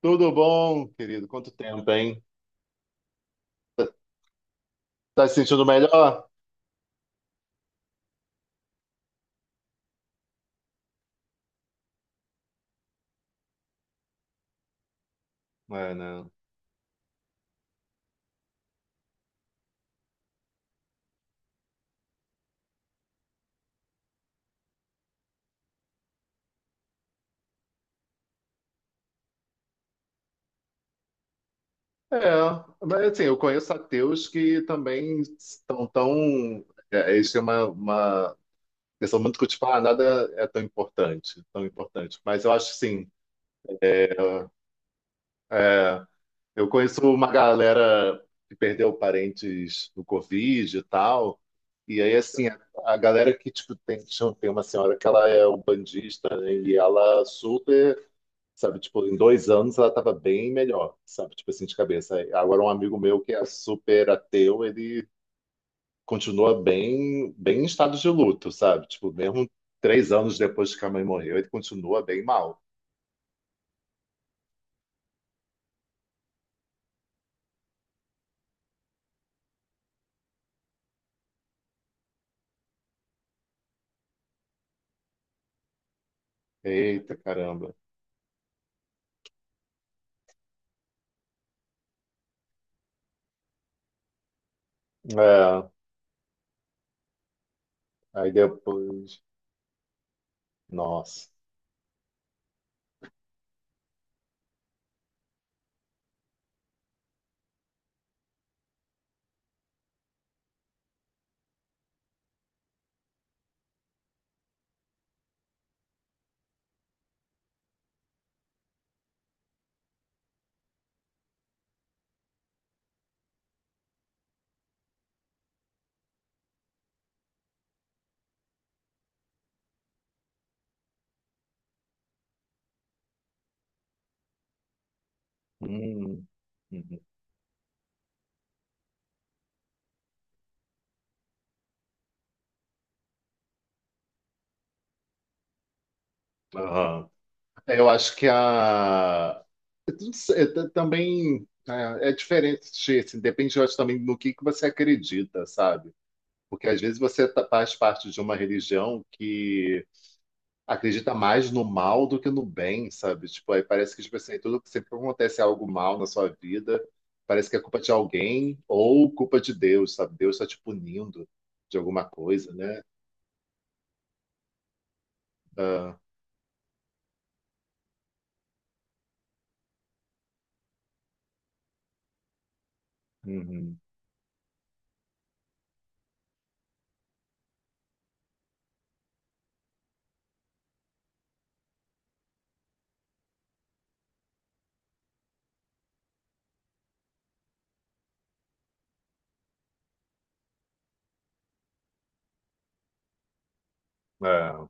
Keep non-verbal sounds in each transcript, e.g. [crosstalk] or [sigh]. Tudo bom, querido? Quanto tempo, hein? Tá, tá se sentindo melhor? É, não. É, mas assim, eu conheço ateus que também estão tão. É, eles têm uma questão muito que, tipo, ah, nada é tão importante, tão importante. Mas eu acho, que sim, é, Eu conheço uma galera que perdeu parentes do Covid e tal. E aí, assim, a galera que, tipo, tem uma senhora que ela é umbandista, né? E ela super, sabe, tipo, em 2 anos ela tava bem melhor, sabe? Tipo assim, de cabeça. Agora, um amigo meu que é super ateu, ele continua bem, bem em estado de luto, sabe? Tipo, mesmo 3 anos depois que a mãe morreu, ele continua bem mal. Eita, caramba. É, aí depois. Nossa. Hum, uhum. Aham. Eu acho que a eu não sei, também é diferente, assim, depende, eu acho, também no que você acredita, sabe? Porque às vezes você faz parte de uma religião que acredita mais no mal do que no bem, sabe? Tipo, aí parece que tipo assim, tudo que sempre acontece algo mal na sua vida, parece que é culpa de alguém ou culpa de Deus, sabe? Deus está te punindo de alguma coisa, né? Ah, uhum. É.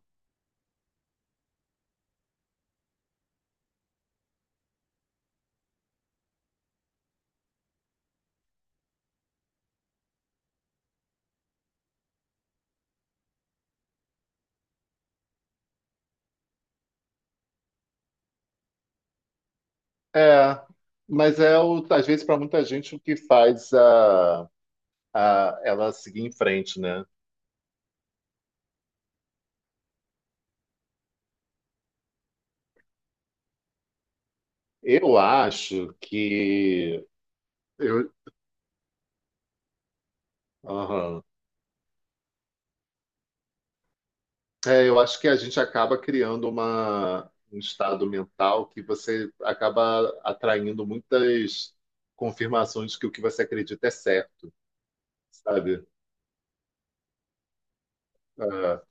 É, mas às vezes para muita gente o que faz ela seguir em frente, né? Eu acho que eu, aham. É, eu acho que a gente acaba criando um estado mental que você acaba atraindo muitas confirmações de que o que você acredita é certo, sabe? É,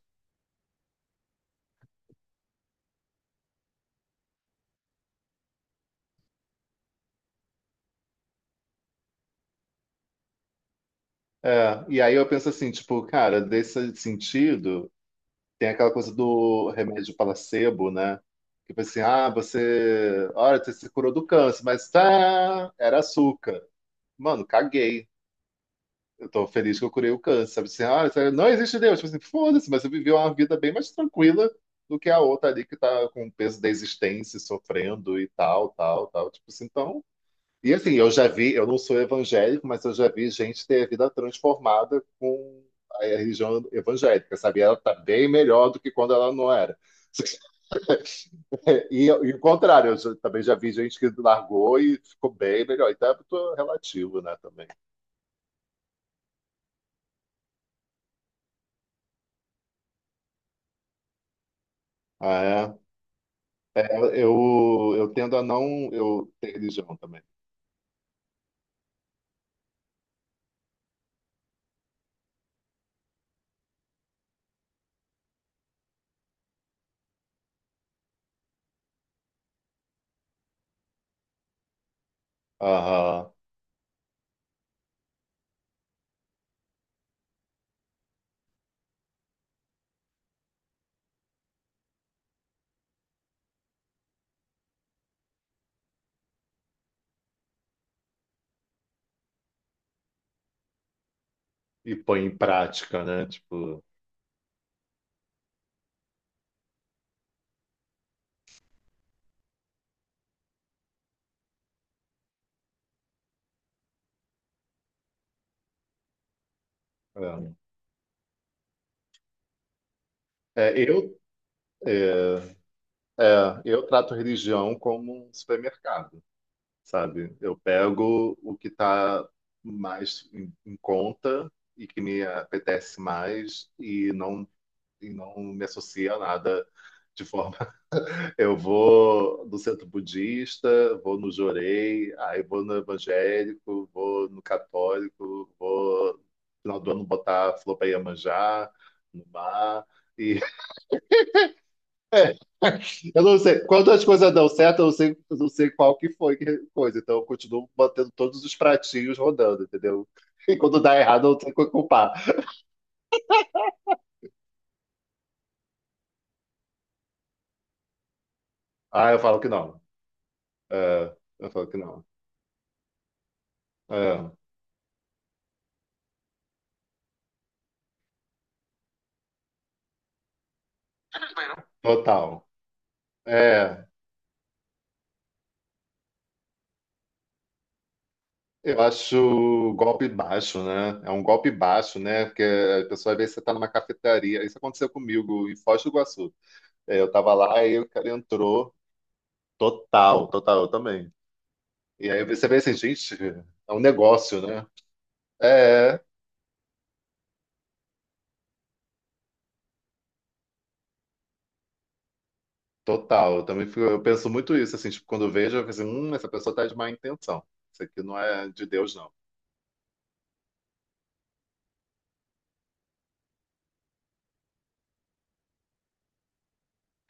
é. E aí eu penso assim, tipo, cara, desse sentido. Tem aquela coisa do remédio placebo, né? Que foi assim, ah, você, olha, você se curou do câncer, mas tá, era açúcar. Mano, caguei. Eu tô feliz que eu curei o câncer. Sabe assim, ah, isso aí não existe Deus. Tipo assim, foda-se, mas você viveu uma vida bem mais tranquila do que a outra ali que tá com o peso da existência, sofrendo e tal, tal, tal. Tipo assim, então e assim, eu já vi, eu não sou evangélico, mas eu já vi gente ter a vida transformada com a religião evangélica, sabe? Ela tá bem melhor do que quando ela não era. E o contrário, também já vi gente que largou e ficou bem melhor. Então é muito relativo, né, também. Ah, é. É, eu tendo a não eu ter religião também. Aham. E põe em prática, né? Tipo, é. É, eu, é, é, eu trato religião como um supermercado. Sabe? Eu pego o que está mais em conta e que me apetece mais e e não me associa a nada de forma. [laughs] Eu vou no centro budista, vou no Jorei, aí vou no evangélico, vou no católico, vou no final do ano botar flor para Iemanjá, no mar. E eu não sei. Quando as coisas dão certo, eu não sei qual que foi que coisa. Então eu continuo mantendo todos os pratinhos rodando, entendeu? [laughs] E quando dá errado, eu não tenho que culpar. Ah, eu falo que não. É, eu falo que não. É, total. É, eu acho golpe baixo, né? É um golpe baixo, né? Porque a pessoa às vezes você tá numa cafeteria. Isso aconteceu comigo em Foz do Iguaçu. É, eu tava lá e o cara entrou. Total, total, eu também. E aí você vê assim, gente, é um negócio, né? É, total, eu também eu penso muito isso, assim, tipo, quando eu vejo, eu penso, essa pessoa tá de má intenção. Isso aqui não é de Deus, não.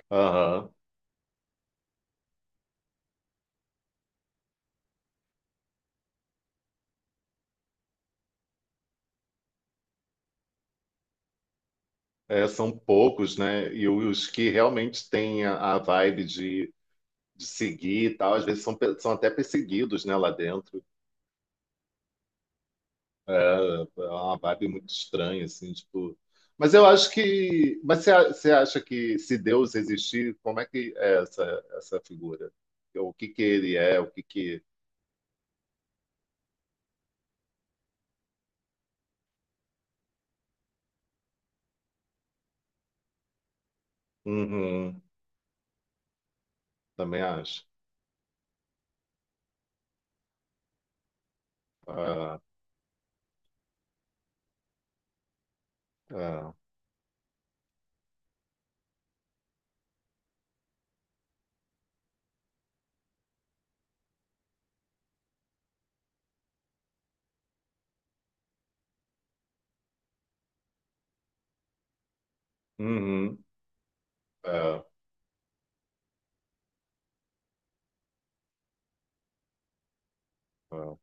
Aham. É, são poucos, né? E os que realmente têm a vibe de seguir e tal, às vezes são, são até perseguidos, né, lá dentro. É, é uma vibe muito estranha, assim, tipo. Mas eu acho que. Mas você, você acha que se Deus existir, como é que é essa figura? O que que ele é? O que que. Uhum, também acho. Ah. É, uhum, é, é,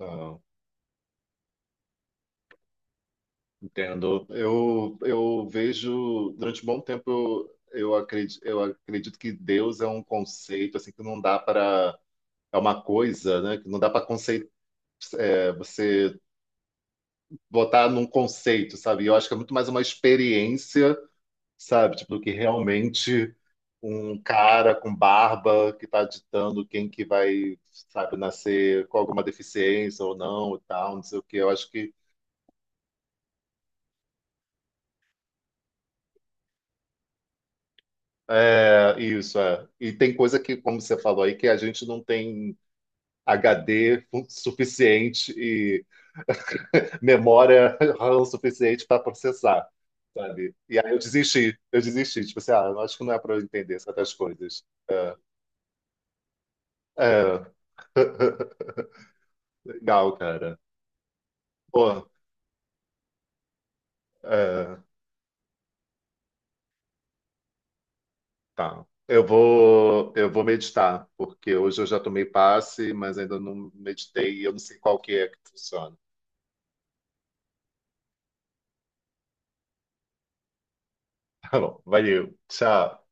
é, entendo. Eu vejo, durante um bom tempo, eu acredito, eu acredito que Deus é um conceito, assim, que não dá para, é uma coisa, né, que não dá para conceito, você botar num conceito, sabe? Eu acho que é muito mais uma experiência, sabe? Tipo, do que realmente um cara com barba que está ditando quem que vai, sabe, nascer com alguma deficiência ou não e tal, não sei o quê. Eu acho que. É, isso, é. E tem coisa que, como você falou aí, que a gente não tem HD [laughs] suficiente e memória [laughs] RAM suficiente para processar, sabe? E aí eu desisti, eu desisti. Tipo assim, ah, eu acho que não é para eu entender certas coisas. É, é. [laughs] Legal, cara. Pô, é, tá. Eu vou meditar, porque hoje eu já tomei passe, mas ainda não meditei e eu não sei qual que é que funciona. [laughs] Tá bom, valeu. Tchau.